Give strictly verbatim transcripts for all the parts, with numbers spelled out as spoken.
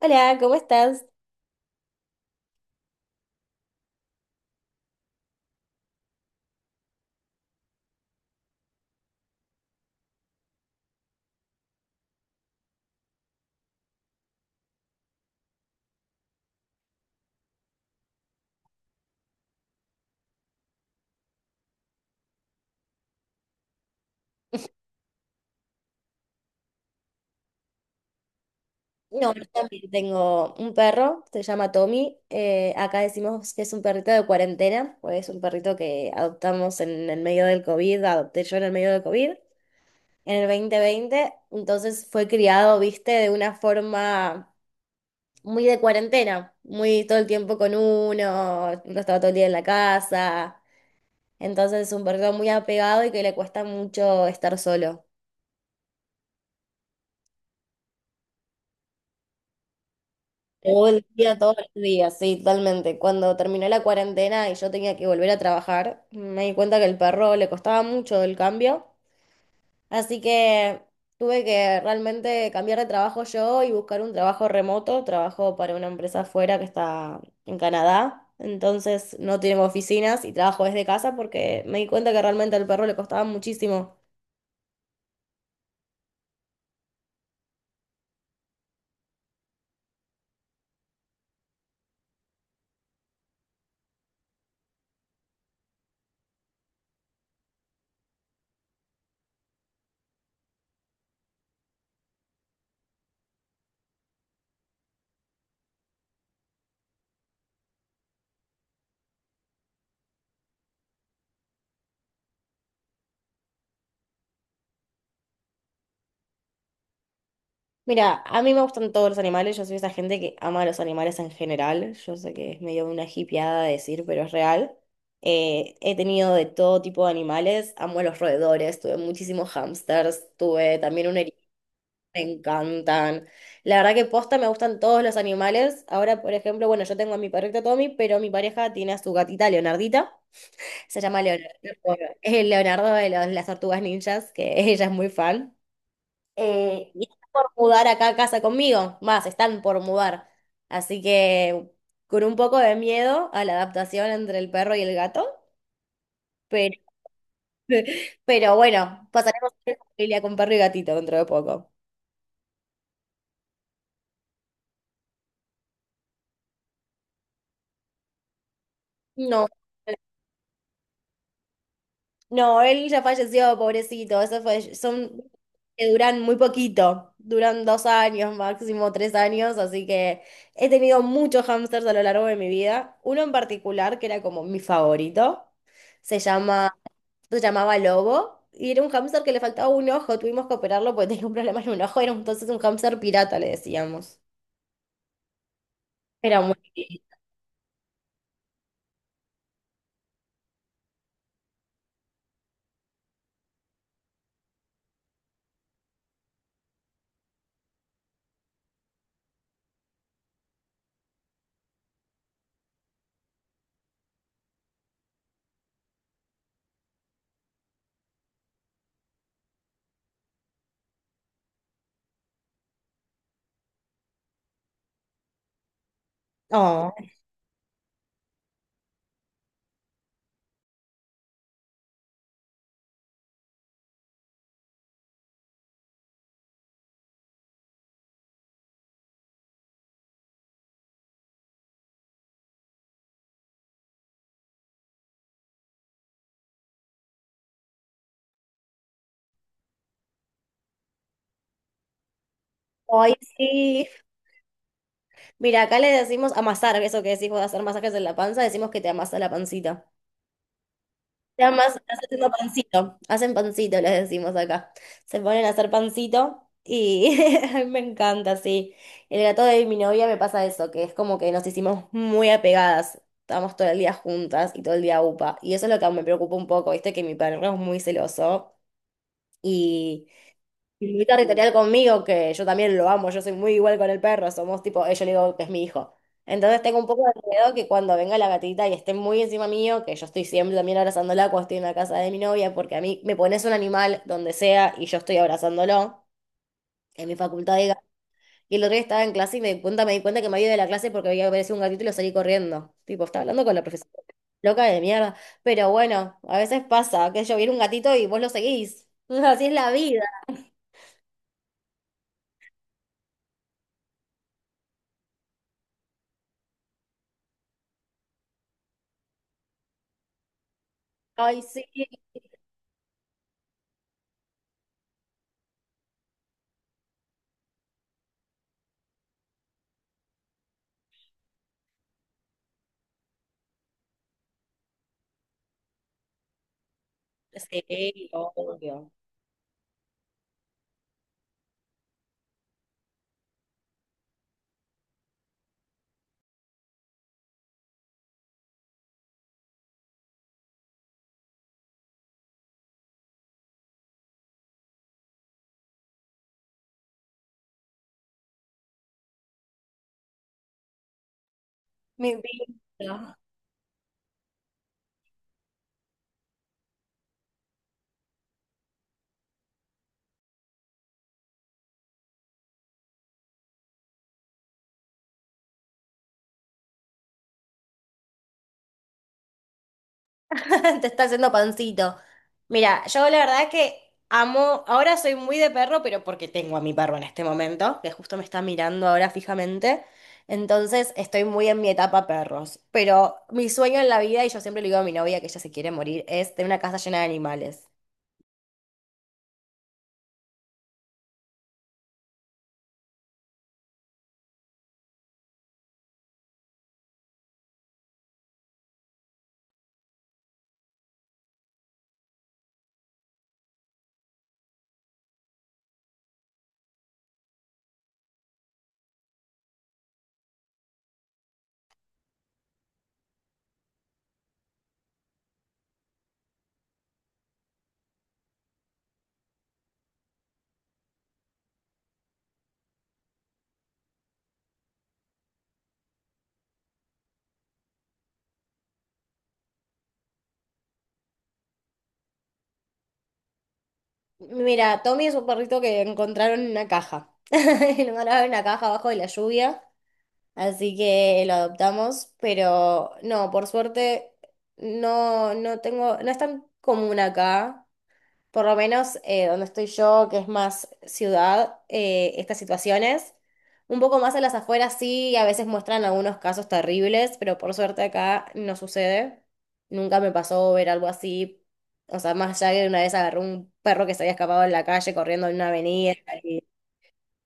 Hola, ¿cómo estás? No, yo también tengo un perro, se llama Tommy. eh, acá decimos que es un perrito de cuarentena, pues es un perrito que adoptamos en el medio del COVID, adopté yo en el medio del COVID, en el dos mil veinte. Entonces fue criado, viste, de una forma muy de cuarentena, muy todo el tiempo con uno, no estaba todo el día en la casa. Entonces es un perrito muy apegado y que le cuesta mucho estar solo. Todo el día, todos los días, sí, totalmente. Cuando terminó la cuarentena y yo tenía que volver a trabajar, me di cuenta que el perro le costaba mucho el cambio, así que tuve que realmente cambiar de trabajo yo y buscar un trabajo remoto. Trabajo para una empresa afuera que está en Canadá, entonces no tenemos oficinas y trabajo desde casa porque me di cuenta que realmente al perro le costaba muchísimo. Mira, a mí me gustan todos los animales, yo soy esa gente que ama a los animales en general, yo sé que es medio una hippieada decir, pero es real. Eh, he tenido de todo tipo de animales, amo a los roedores, tuve muchísimos hamsters, tuve también un erizo, me encantan. La verdad que posta me gustan todos los animales. Ahora, por ejemplo, bueno, yo tengo a mi perrito Tommy, pero mi pareja tiene a su gatita Leonardita, se llama Leonardo, por- es el Leonardo de los- las tortugas ninjas, que ella es muy fan. Eh, y están por mudar acá a casa conmigo, más, están por mudar. Así que con un poco de miedo a la adaptación entre el perro y el gato, pero, pero bueno, pasaremos a ser familia con perro y gatito dentro de poco. No. No, él ya falleció, pobrecito. Eso fue, son que duran muy poquito, duran dos años, máximo tres años, así que he tenido muchos hámsters a lo largo de mi vida. Uno en particular que era como mi favorito, se llama, se llamaba Lobo y era un hámster que le faltaba un ojo. Tuvimos que operarlo porque tenía un problema en un ojo. Era entonces un hámster pirata, le decíamos. Era muy lindo. Oh, ay, sí. Mira, acá le decimos amasar, eso que decís vos de hacer masajes en la panza, decimos que te amasa la pancita. Además, haciendo pancito, hacen pancito, les decimos acá. Se ponen a hacer pancito y a mí me encanta, sí. El gato de mi novia me pasa eso, que es como que nos hicimos muy apegadas. Estábamos todo el día juntas y todo el día upa. Y eso es lo que me preocupa un poco, viste, que mi perro es muy celoso y y muy territorial conmigo, que yo también lo amo, yo soy muy igual con el perro, somos tipo, eh, yo le digo que es mi hijo. Entonces tengo un poco de miedo que cuando venga la gatita y esté muy encima mío, que yo estoy siempre también abrazándola cuando estoy en la casa de mi novia, porque a mí me pones un animal donde sea y yo estoy abrazándolo en mi facultad de gato. Y el otro día estaba en clase y me di cuenta, me di cuenta que me había ido de la clase porque había aparecido un gatito y lo salí corriendo. Tipo, estaba hablando con la profesora. Loca de mierda. Pero bueno, a veces pasa, que yo viene un gatito y vos lo seguís. Así es la vida. Ay, sí, sí, obvio. Mi pinto. Te está haciendo pancito. Mira, yo la verdad que amo, ahora soy muy de perro, pero porque tengo a mi perro en este momento, que justo me está mirando ahora fijamente. Entonces estoy muy en mi etapa perros. Pero mi sueño en la vida, y yo siempre le digo a mi novia que ella se quiere morir, es tener una casa llena de animales. Mira, Tommy es un perrito que encontraron en una caja. Lo mandaron en una caja abajo de la lluvia. Así que lo adoptamos, pero no, por suerte no, no tengo, no es tan común acá, por lo menos eh, donde estoy yo, que es más ciudad, eh, estas situaciones. Un poco más a las afueras sí, a veces muestran algunos casos terribles, pero por suerte acá no sucede. Nunca me pasó ver algo así. O sea, más allá de una vez agarró un perro que se había escapado en la calle corriendo en una avenida y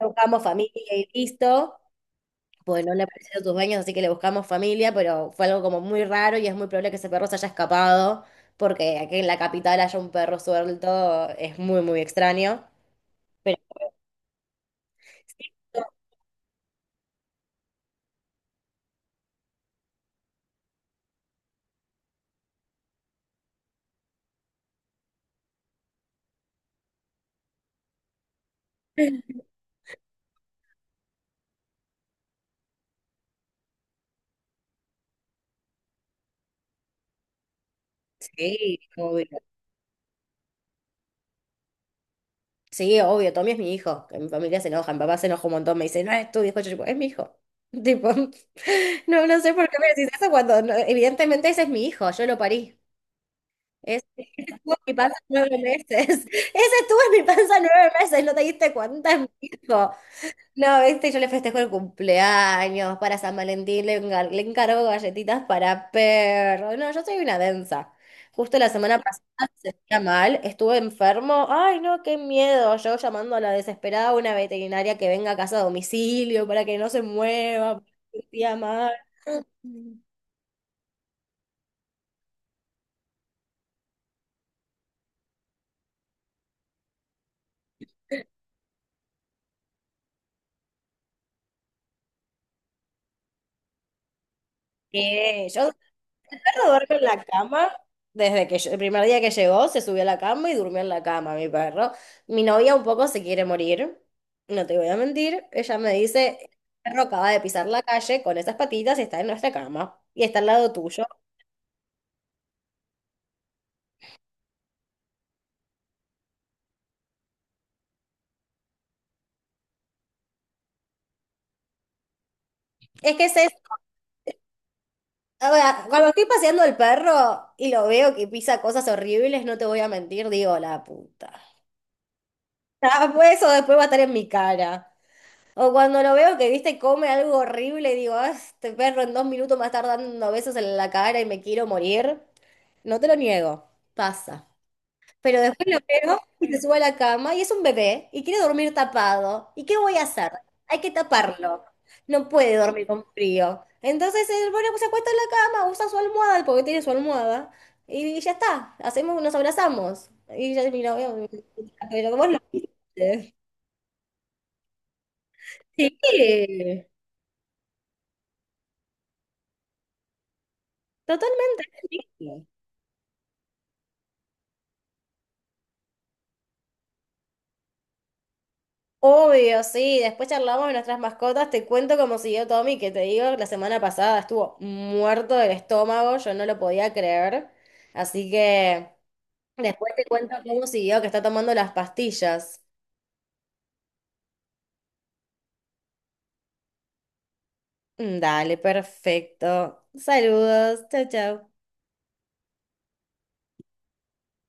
buscamos familia y listo, pues no le pareció a tus dueños, así que le buscamos familia, pero fue algo como muy raro y es muy probable que ese perro se haya escapado, porque aquí en la capital haya un perro suelto, es muy, muy extraño. Pero sí, obvio. Sí, obvio, Tommy es mi hijo. Que Mi familia se enoja, mi papá se enoja un montón, me dice, no es tu hijo, yo digo, es mi hijo. Tipo, no, no sé por qué me decís eso cuando, no, evidentemente ese es mi hijo, yo lo parí. Ese, ese estuvo en mi panza nueve meses. Ese estuvo en mi panza nueve meses, ¿no te diste cuenta? Es mi hijo. No, este, yo le festejo el cumpleaños para San Valentín, le, engar- le encargo galletitas para perro. No, yo soy una densa. Justo la semana pasada se sentía mal, estuve enfermo. Ay, no, qué miedo. Yo llamando a la desesperada a una veterinaria que venga a casa a domicilio para que no se mueva, porque se sentía mal. Mm. Que yo perro duerme en la cama desde que ll- el primer día que llegó, se subió a la cama y durmió en la cama, mi perro. Mi novia un poco se quiere morir, no te voy a mentir. Ella me dice, el perro acaba de pisar la calle con esas patitas y está en nuestra cama y está al lado tuyo. Es que es eso. O sea, cuando estoy paseando al perro y lo veo que pisa cosas horribles, no te voy a mentir, digo, la puta. Ah, pues eso después va a estar en mi cara. O cuando lo veo que, viste, come algo horrible y digo, ah, este perro en dos minutos me va a estar dando besos en la cara y me quiero morir. No te lo niego, pasa. Pero después lo veo y se sube a la cama y es un bebé y quiere dormir tapado. ¿Y qué voy a hacer? Hay que taparlo. No puede dormir con frío. Entonces él, bueno, pues se acuesta en la cama, usa su almohada, porque tiene su almohada, y ya está. Hacemos, nos abrazamos. Y ya mira, veo, pero vos lo viste. Sí. Totalmente. Sí. Obvio, sí. Después charlamos de nuestras mascotas. Te cuento cómo siguió Tommy, que te digo, la semana pasada estuvo muerto del estómago. Yo no lo podía creer. Así que después te cuento cómo siguió, que está tomando las pastillas. Dale, perfecto. Saludos. Chao, chao.